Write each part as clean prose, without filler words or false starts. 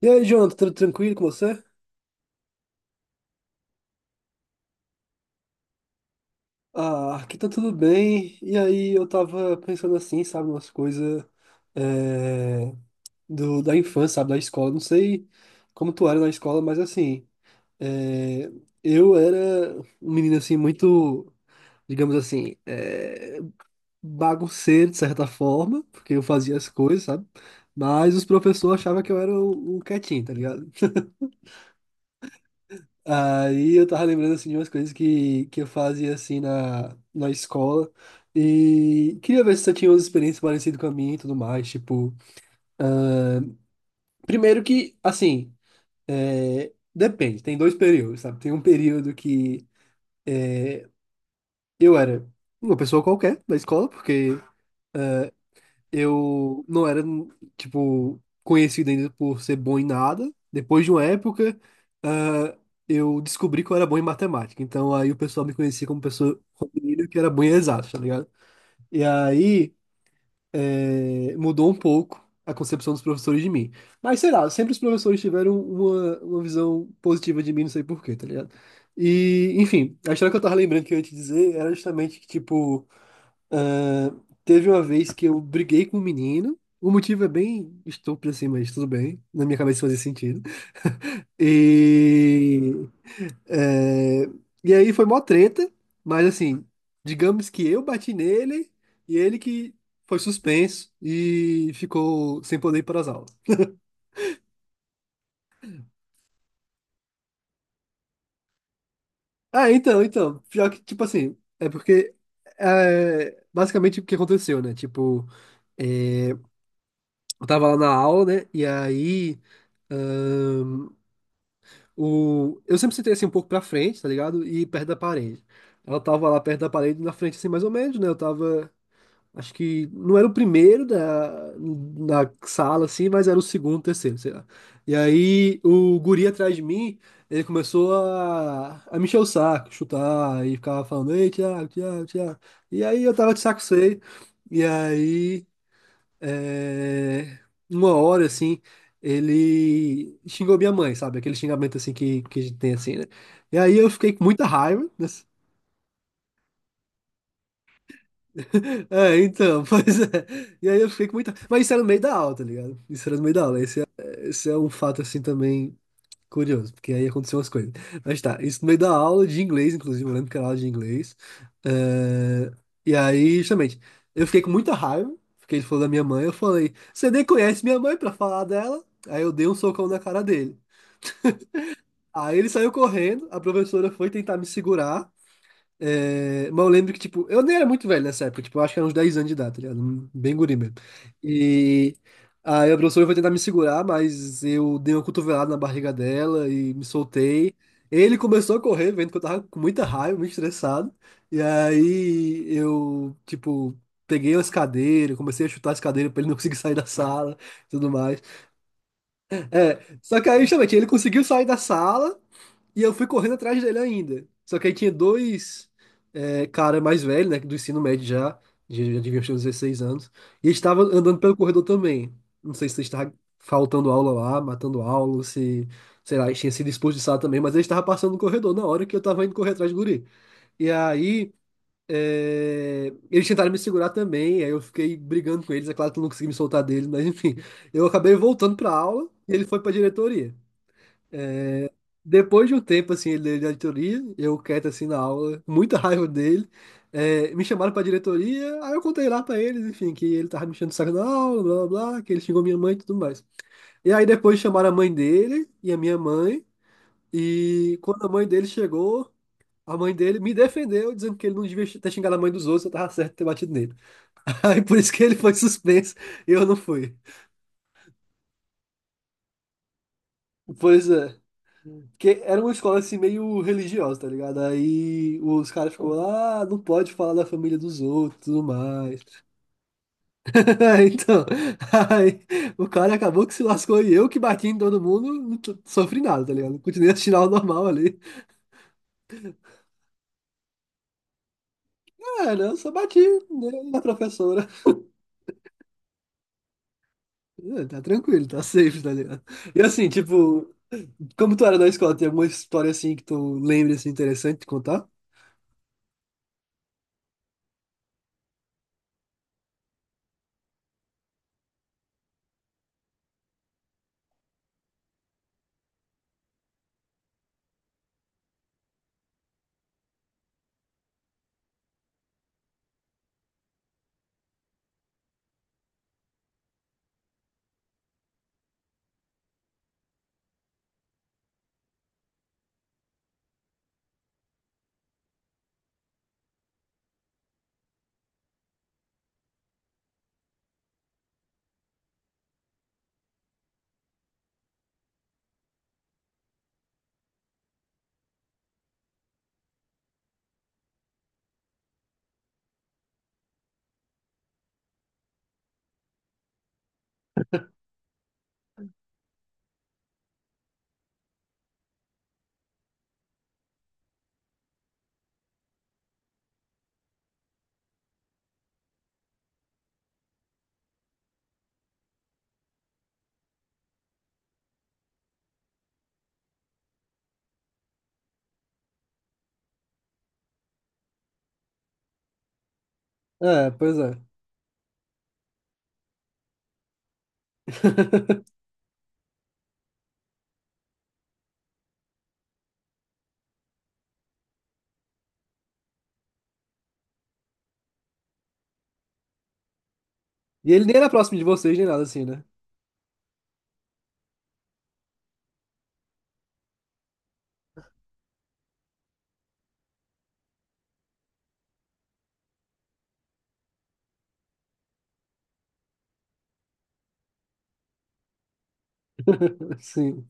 E aí, Jonathan, tudo tranquilo com você? Ah, aqui tá tudo bem. E aí, eu tava pensando assim, sabe, umas coisas é, da infância, sabe, da escola. Não sei como tu era na escola, mas assim, é, eu era um menino assim, muito, digamos assim, bagunceiro de certa forma, porque eu fazia as coisas, sabe? Mas os professores achavam que eu era o um quietinho, tá ligado? Aí eu tava lembrando assim de umas coisas que eu fazia assim na escola e queria ver se você tinha umas experiências parecidas com a minha e tudo mais. Tipo, primeiro que, assim, é, depende, tem dois períodos, sabe? Tem um período que é, eu era uma pessoa qualquer da escola, porque eu não era, tipo, conhecido ainda por ser bom em nada. Depois de uma época, ah, eu descobri que eu era bom em matemática. Então aí o pessoal me conhecia como pessoa menino que era bom em exatas, tá ligado? E aí mudou um pouco a concepção dos professores de mim. Mas sei lá, sempre os professores tiveram uma visão positiva de mim, não sei por quê, tá ligado? E, enfim, a história que eu tava lembrando que eu ia te dizer era justamente que, tipo, ah, teve uma vez que eu briguei com um menino. O motivo é bem estúpido assim, mas tudo bem. Na minha cabeça fazia sentido. E. é, e aí foi mó treta, mas assim, digamos que eu bati nele e ele que foi suspenso e ficou sem poder ir para as aulas. Ah, então, então. Pior que, tipo assim, basicamente o que aconteceu, né? Tipo, é, eu tava lá na aula, né? Eu sempre sentei assim um pouco pra frente, tá ligado? E perto da parede. Ela tava lá perto da parede, na frente assim, mais ou menos, né? Eu tava. Acho que não era o primeiro da sala, assim, mas era o segundo, terceiro, sei lá. E aí o guri atrás de mim, ele começou a me encher o saco, chutar, e ficava falando, ei, Thiago, Thiago, Thiago. E aí eu tava de saco cheio. E aí é, uma hora assim, ele xingou minha mãe, sabe? Aquele xingamento assim que a gente tem assim, né? E aí eu fiquei com muita raiva, né? É, então, pois é. E aí eu fiquei com muita. Mas isso era no meio da aula, tá ligado? Isso era no meio da aula. Esse é um fato assim também curioso, porque aí aconteceu umas coisas. Mas tá, isso no meio da aula de inglês, inclusive, eu lembro que era aula de inglês. Eh, E aí, justamente, eu fiquei com muita raiva, porque ele falou da minha mãe, eu falei, você nem conhece minha mãe pra falar dela? Aí eu dei um socão na cara dele. Aí ele saiu correndo, a professora foi tentar me segurar, mas eu lembro que, tipo, eu nem era muito velho nessa época, tipo, eu acho que era uns 10 anos de idade, tá ligado? Um- Bem guri mesmo. E aí a professora foi tentar me segurar, mas eu dei uma cotovelada na barriga dela e me soltei. Ele começou a correr, vendo que eu tava com muita raiva, muito estressado. E aí eu, tipo, peguei as cadeiras, comecei a chutar as cadeiras pra ele não conseguir sair da sala e tudo mais. É, só que aí, justamente, ele conseguiu sair da sala. E eu fui correndo atrás dele ainda. Só que aí tinha dois cara mais velho, né? Do ensino médio já. Já deviam ter uns 16 anos. E eles estavam andando pelo corredor também. Não sei se eles estavam faltando aula lá, matando aula, ou se, sei lá, eles tinham sido expulsados também, mas eles estavam passando no corredor na hora que eu tava indo correr atrás do guri. E aí, eles tentaram me segurar também, aí eu fiquei brigando com eles, é claro que eu não consegui me soltar deles, mas enfim, eu acabei voltando pra aula e ele foi pra diretoria. Depois de um tempo, assim, ele da diretoria, eu quieto, assim, na aula, muita raiva dele, me chamaram pra diretoria, aí eu contei lá pra eles, enfim, que ele tava me enchendo o saco na aula, blá, blá, blá, que ele xingou minha mãe e tudo mais. E aí depois chamaram a mãe dele e a minha mãe, e quando a mãe dele chegou, a mãe dele me defendeu, dizendo que ele não devia ter xingado a mãe dos outros, eu tava certo de ter batido nele. Aí por isso que ele foi suspenso e eu não fui. Pois é. Porque era uma escola assim meio religiosa, tá ligado? Aí os caras ficam, ah, não pode falar da família dos outros, e tudo mais. Então, aí o cara acabou que se lascou e eu que bati em todo mundo, não t- sofri nada, tá ligado? Continuei assistindo aula normal ali. Ah, não, só bati, né, na professora. Ah, tá tranquilo, tá safe, tá ligado? E assim, tipo, como tu era na escola, tem alguma história assim que tu lembra assim interessante de contar? É, pois é. E ele nem era próximo de vocês, nem nada assim, né? Sim.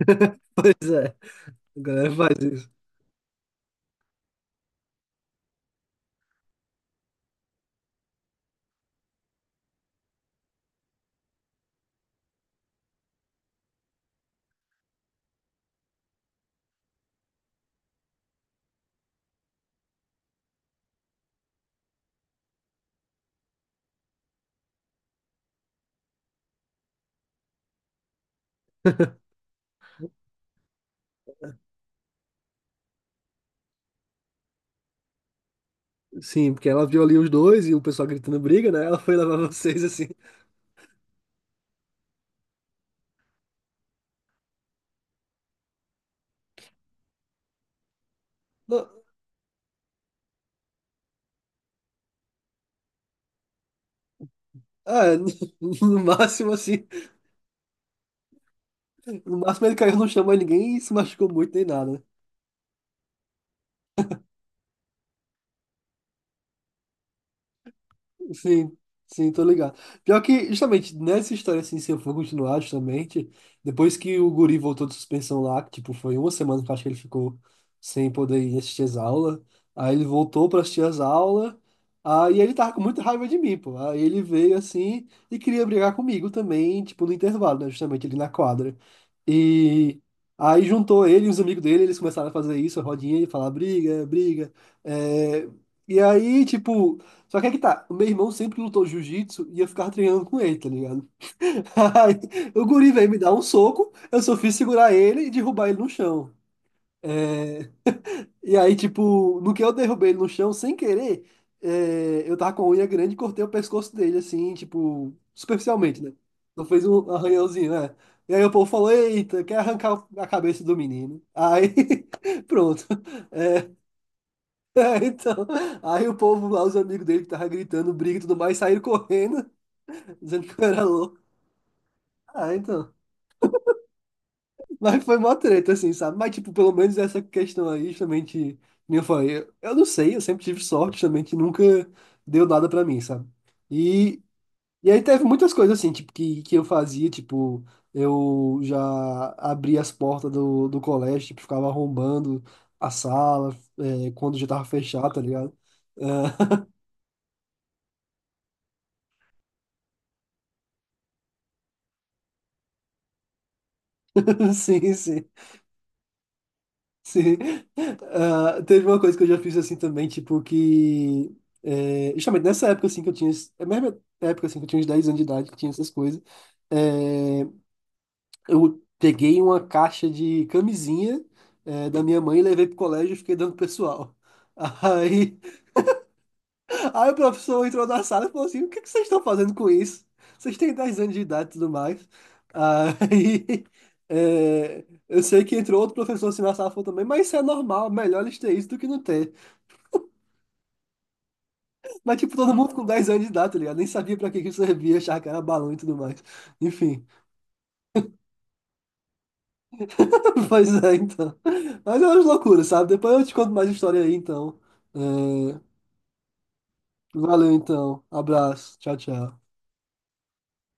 Pois é. A galera faz isso. Sim, porque ela viu ali os dois e o pessoal gritando briga, né? Ela foi levar vocês assim. No, ah, no máximo assim. No máximo ele caiu no chão, mas ninguém se machucou muito nem nada, né? Sim, sim, tô ligado. Pior que, justamente, nessa história, assim, se eu for continuar, justamente, depois que o guri voltou de suspensão lá, que, tipo, foi uma semana que eu acho que ele ficou sem poder ir assistir as aulas, aí ele voltou pra assistir as aulas, aí ele tava com muita raiva de mim, pô. Aí ele veio, assim, e queria brigar comigo também, tipo, no intervalo, né, justamente, ali na quadra. E aí juntou ele e os amigos dele, eles começaram a fazer isso, a rodinha, e falar briga, briga, é... E aí, tipo, só que é que tá, o meu irmão sempre lutou jiu-jitsu e eu ficava treinando com ele, tá ligado? Aí, o guri veio me dar um soco, eu só fiz segurar ele e derrubar ele no chão. É, E aí, tipo, no que eu derrubei ele no chão, sem querer, eu tava com a unha grande e cortei o pescoço dele, assim, tipo, superficialmente, né? Só fez um arranhãozinho, né? E aí o povo falou, eita, quer arrancar a cabeça do menino. Aí, pronto. É, então, aí o povo lá, os amigos dele que tava gritando, briga e tudo mais, saíram correndo dizendo que eu era louco. Ah, então. Mas foi mó treta, assim, sabe? Mas, tipo, pelo menos essa questão aí, justamente, nem eu falei, eu não sei, eu sempre tive sorte, justamente, nunca deu nada pra mim, sabe? E, e aí teve muitas coisas, assim, tipo, que eu fazia, tipo, eu já abria as portas do colégio, tipo, ficava arrombando a sala, quando já tava fechado, tá ligado? Ah, sim, sim. Sim. Ah, teve uma coisa que eu já fiz assim também, tipo, que. É, justamente nessa época assim que eu tinha. É a mesma época assim que eu tinha uns 10 anos de idade, que tinha essas coisas. é, eu peguei uma caixa de camisinha, da minha mãe e levei pro colégio e fiquei dando pro pessoal. Aí. Aí o professor entrou na sala e falou assim: O que que vocês estão fazendo com isso? Vocês têm 10 anos de idade e tudo mais. Aí é, eu sei que entrou outro professor assim na sala e falou também: Mas isso é normal, melhor eles terem isso do que não ter. Mas tipo, todo mundo com 10 anos de idade, tá ligado? Nem sabia pra que que isso servia, achava que era balão e tudo mais. Enfim, pois é, então. Mas é umas loucuras, sabe? Depois eu te conto mais história aí, então. É, valeu, então. Abraço. Tchau, tchau.